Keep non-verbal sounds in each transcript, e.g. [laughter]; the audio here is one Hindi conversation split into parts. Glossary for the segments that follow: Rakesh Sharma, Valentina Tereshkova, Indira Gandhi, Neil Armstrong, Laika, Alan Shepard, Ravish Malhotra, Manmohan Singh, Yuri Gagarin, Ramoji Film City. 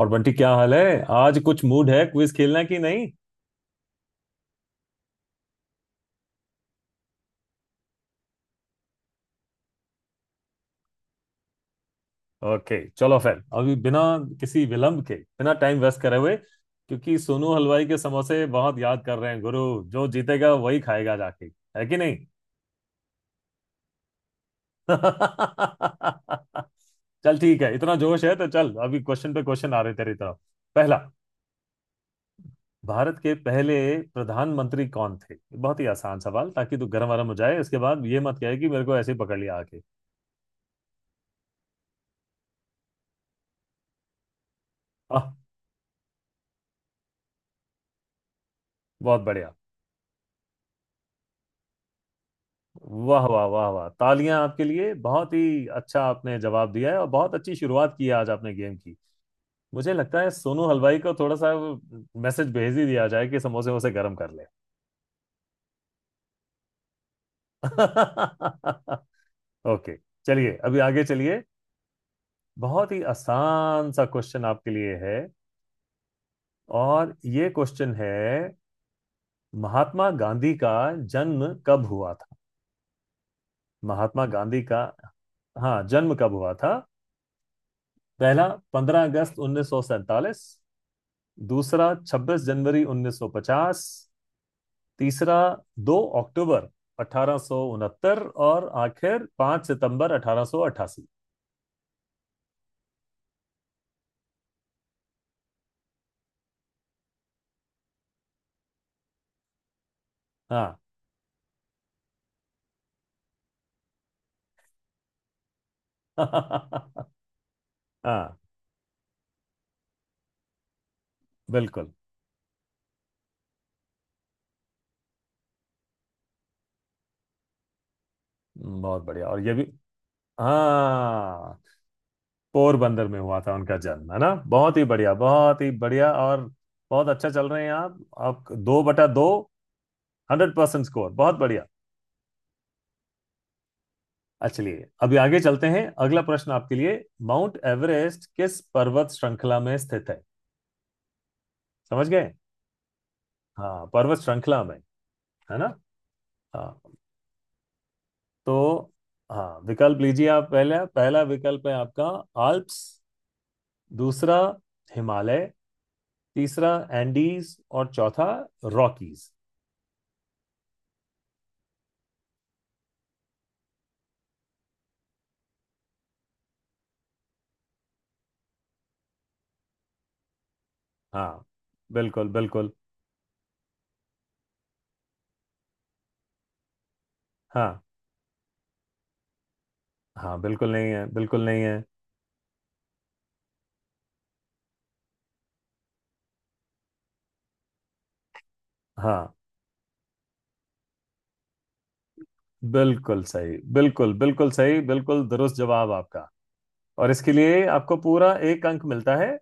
और बंटी क्या हाल है आज। कुछ मूड है क्विज खेलना कि नहीं? ओके चलो फिर अभी बिना किसी विलंब के, बिना टाइम वेस्ट करे हुए, क्योंकि सोनू हलवाई के समोसे बहुत याद कर रहे हैं गुरु। जो जीतेगा वही खाएगा जाके। है कि नहीं? [laughs] चल ठीक है, इतना जोश है तो चल अभी क्वेश्चन पे क्वेश्चन आ रहे तेरी तरफ। पहला, भारत के पहले प्रधानमंत्री कौन थे? बहुत ही आसान सवाल ताकि तू गर्म वर्म हो जाए, इसके बाद ये मत कहे कि मेरे को ऐसे ही पकड़ लिया आके। आह बहुत बढ़िया। वाह वाह वाह वाह, तालियां आपके लिए। बहुत ही अच्छा आपने जवाब दिया है और बहुत अच्छी शुरुआत की है आज आपने गेम की। मुझे लगता है सोनू हलवाई को थोड़ा सा मैसेज भेज ही दिया जाए कि समोसे वोसे गर्म कर ले। [laughs] ओके, चलिए अभी आगे चलिए। बहुत ही आसान सा क्वेश्चन आपके लिए है, और ये क्वेश्चन है, महात्मा गांधी का जन्म कब हुआ था? महात्मा गांधी का। हाँ, जन्म कब हुआ था? पहला, 15 अगस्त 1947। दूसरा, 26 जनवरी 1950। तीसरा, 2 अक्टूबर 1869। और आखिर, 5 सितंबर 1888। हाँ। [laughs] हाँ, बिल्कुल। बहुत बढ़िया, और ये भी। हाँ, पोरबंदर में हुआ था उनका जन्म, है ना। बहुत ही बढ़िया, बहुत ही बढ़िया। और बहुत अच्छा चल रहे हैं आप। आप दो बटा दो, 100% स्कोर। बहुत बढ़िया। अच्छा, चलिए अभी आगे चलते हैं, अगला प्रश्न आपके लिए। माउंट एवरेस्ट किस पर्वत श्रृंखला में स्थित है? समझ गए। हाँ, पर्वत श्रृंखला में, है ना। हाँ, तो। हाँ, विकल्प लीजिए आप। पहला, पहला विकल्प है आपका आल्प्स। दूसरा, हिमालय। तीसरा, एंडीज। और चौथा, रॉकीज। हाँ, बिल्कुल बिल्कुल। हाँ। हाँ, बिल्कुल नहीं है, बिल्कुल नहीं है। हाँ। बिल्कुल सही, बिल्कुल बिल्कुल सही, बिल्कुल दुरुस्त जवाब आपका। और इसके लिए आपको पूरा एक अंक मिलता है,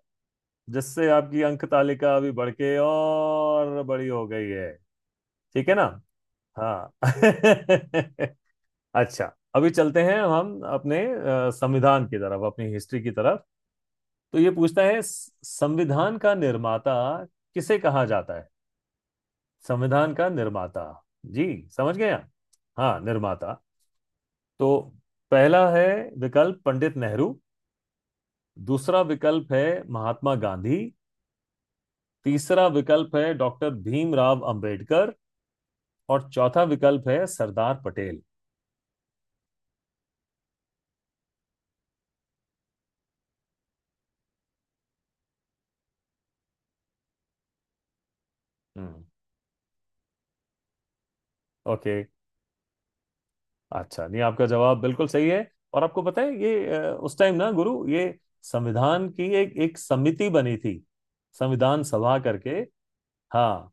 जिससे आपकी अंक तालिका अभी बढ़ के और बड़ी हो गई है। ठीक है ना। हाँ। [laughs] अच्छा अभी चलते हैं हम अपने संविधान की तरफ, अपनी हिस्ट्री की तरफ। तो ये पूछता है, संविधान का निर्माता किसे कहा जाता है? संविधान का निर्माता। जी। समझ गए आप? हाँ, निर्माता। तो पहला है विकल्प पंडित नेहरू। दूसरा विकल्प है महात्मा गांधी। तीसरा विकल्प है डॉक्टर भीमराव अंबेडकर। और चौथा विकल्प है सरदार पटेल। हम्म, ओके। अच्छा नहीं, आपका जवाब बिल्कुल सही है। और आपको पता है ये, उस टाइम ना गुरु, ये संविधान की एक एक समिति बनी थी, संविधान सभा करके। हाँ।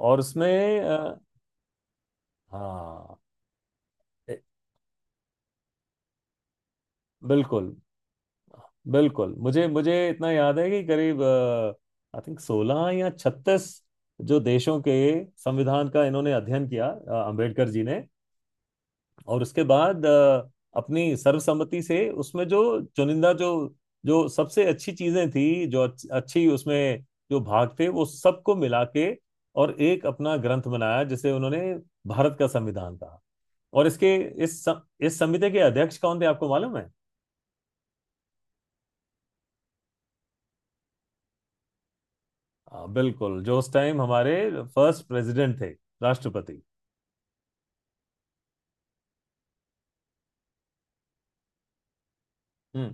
और उसमें हाँ। ए- बिल्कुल बिल्कुल। मुझे मुझे इतना याद है कि करीब आई थिंक 16 या 36 जो देशों के संविधान का इन्होंने अध्ययन किया, अंबेडकर जी ने। और उसके बाद अपनी सर्वसम्मति से उसमें जो चुनिंदा, जो जो सबसे अच्छी चीजें थी, जो अच्छी उसमें जो भाग थे वो सबको मिला के, और एक अपना ग्रंथ बनाया जिसे उन्होंने भारत का संविधान कहा। और इसके, इस समिति के अध्यक्ष कौन थे आपको मालूम है? हाँ, बिल्कुल, जो उस टाइम हमारे फर्स्ट प्रेसिडेंट थे, राष्ट्रपति। हम्म।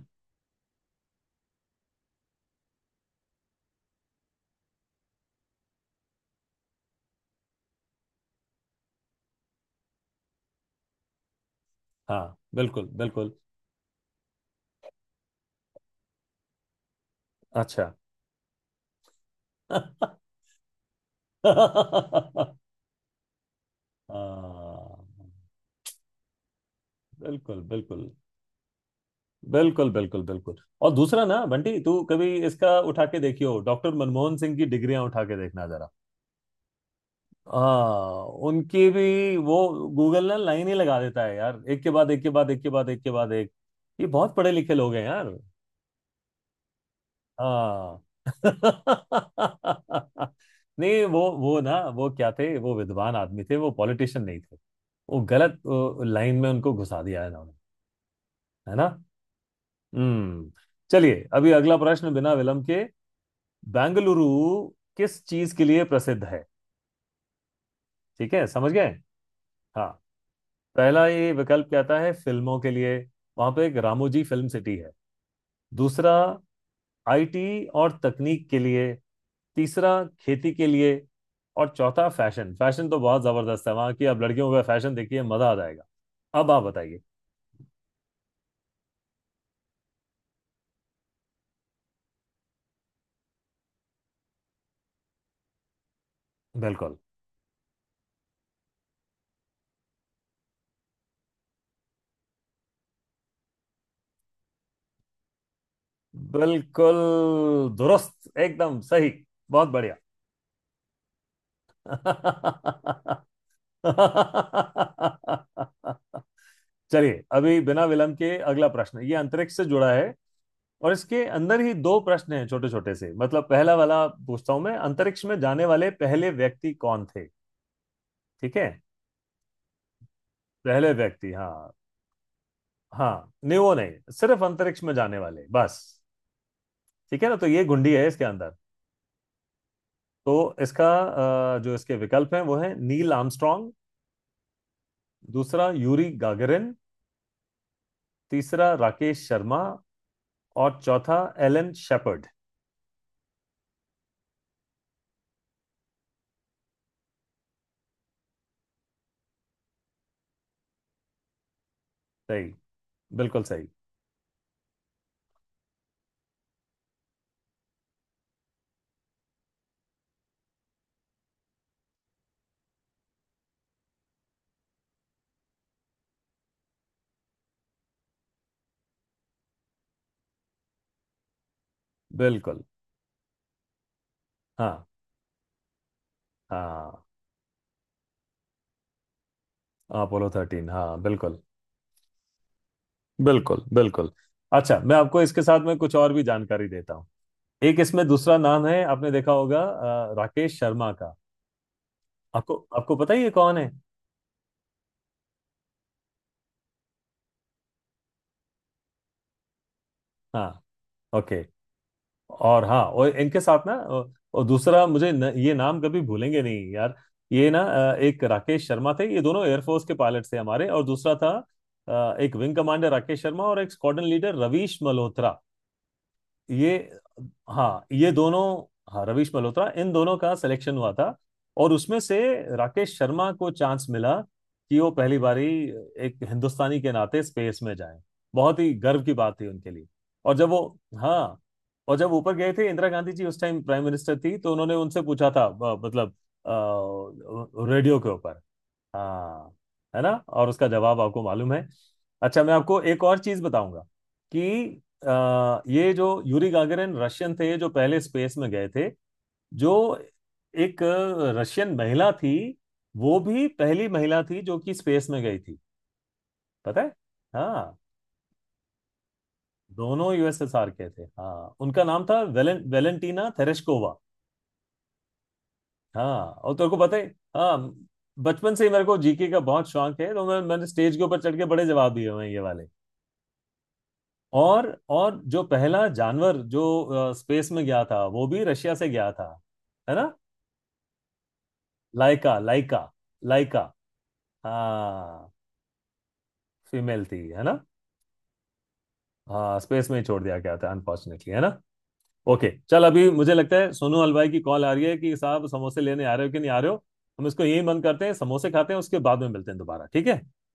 हाँ, बिल्कुल बिल्कुल। अच्छा। [laughs] हाँ, बिल्कुल बिल्कुल बिल्कुल बिल्कुल बिल्कुल। और दूसरा ना बंटी, तू कभी इसका उठा के देखियो, डॉक्टर मनमोहन सिंह की डिग्रियां उठा के देखना जरा। हाँ, उनकी भी वो गूगल ना लाइन ही लगा देता है यार, एक के बाद एक के बाद एक के बाद एक के बाद एक। ये बहुत पढ़े लिखे लोग हैं यार। हाँ। [laughs] नहीं, वो ना, वो क्या थे, वो विद्वान आदमी थे, वो पॉलिटिशियन नहीं थे। वो गलत लाइन में उनको घुसा दिया है इन्होंने। है ना। हम्म। चलिए अभी अगला प्रश्न, बिना विलंब के। बेंगलुरु किस चीज के लिए प्रसिद्ध है? ठीक है, समझ गए। हाँ, पहला ये विकल्प कहता है फिल्मों के लिए, वहां पे एक रामोजी फिल्म सिटी है। दूसरा, आईटी और तकनीक के लिए। तीसरा, खेती के लिए। और चौथा, फैशन। फैशन तो बहुत जबरदस्त है, वहां की आप लड़कियों का फैशन देखिए, मजा आ जाएगा। अब आप बताइए। बिल्कुल, बिल्कुल दुरुस्त एकदम सही। बहुत बढ़िया। [laughs] चलिए अभी बिना विलंब के अगला प्रश्न। ये अंतरिक्ष से जुड़ा है, और इसके अंदर ही दो प्रश्न हैं छोटे छोटे से, मतलब पहला वाला पूछता हूं मैं, अंतरिक्ष में जाने वाले पहले व्यक्ति कौन थे? ठीक है। पहले व्यक्ति, हाँ। हाँ नहीं, वो नहीं, सिर्फ अंतरिक्ष में जाने वाले बस। ठीक है ना। तो ये गुंडी है इसके अंदर। तो इसका जो इसके विकल्प हैं, वो है नील आर्मस्ट्रांग। दूसरा, यूरी गागरिन। तीसरा, राकेश शर्मा। और चौथा, एलन शेपर्ड। सही। बिल्कुल सही। बिल्कुल। हाँ। हाँ, अपोलो 13, हाँ। बिल्कुल बिल्कुल बिल्कुल। अच्छा, मैं आपको इसके साथ में कुछ और भी जानकारी देता हूँ। एक इसमें दूसरा नाम है आपने देखा होगा, राकेश शर्मा का। आपको आपको पता ही है ये कौन है? हाँ। ओके। और हाँ, और इनके साथ ना, और दूसरा मुझे, न, ये नाम कभी भूलेंगे नहीं यार। ये ना एक राकेश शर्मा थे, ये दोनों एयरफोर्स के पायलट थे हमारे। और दूसरा था एक विंग कमांडर राकेश शर्मा और एक स्क्वाड्रन लीडर रवीश मल्होत्रा। ये। हाँ, ये दोनों। हाँ, रवीश मल्होत्रा, इन दोनों का सिलेक्शन हुआ था। और उसमें से राकेश शर्मा को चांस मिला कि वो पहली बारी एक हिंदुस्तानी के नाते स्पेस में जाएं। बहुत ही गर्व की बात थी उनके लिए। और जब वो, हाँ, और जब ऊपर गए थे, इंदिरा गांधी जी उस टाइम प्राइम मिनिस्टर थी, तो उन्होंने उनसे पूछा था, मतलब, रेडियो के ऊपर। हाँ, है ना। और उसका जवाब आपको मालूम है। अच्छा, मैं आपको एक और चीज बताऊंगा कि, ये जो यूरी गागरिन रशियन थे जो पहले स्पेस में गए थे, जो एक रशियन महिला थी, वो भी पहली महिला थी जो कि स्पेस में गई थी, पता है। हाँ, दोनों यूएसएसआर के थे। हाँ, उनका नाम था वेलेंटीना तेरेश्कोवा। हाँ। और तेरे को पता है, हाँ, बचपन से ही मेरे को जीके का बहुत शौक है, तो मैं मैंने स्टेज के ऊपर चढ़ के बड़े जवाब दिए हुए हैं ये वाले। और जो पहला जानवर जो स्पेस में गया था वो भी रशिया से गया था। है ना। लाइका लाइका। लाइका। हाँ, फीमेल थी है ना। हाँ, स्पेस में ही छोड़ दिया गया था अनफॉर्चुनेटली, है ना। ओके, चल, अभी मुझे लगता है सोनू हलवाई की कॉल आ रही है कि साहब समोसे लेने आ रहे हो कि नहीं आ रहे हो। हम इसको यही बंद करते हैं, समोसे खाते हैं, उसके बाद में मिलते हैं दोबारा, ठीक है।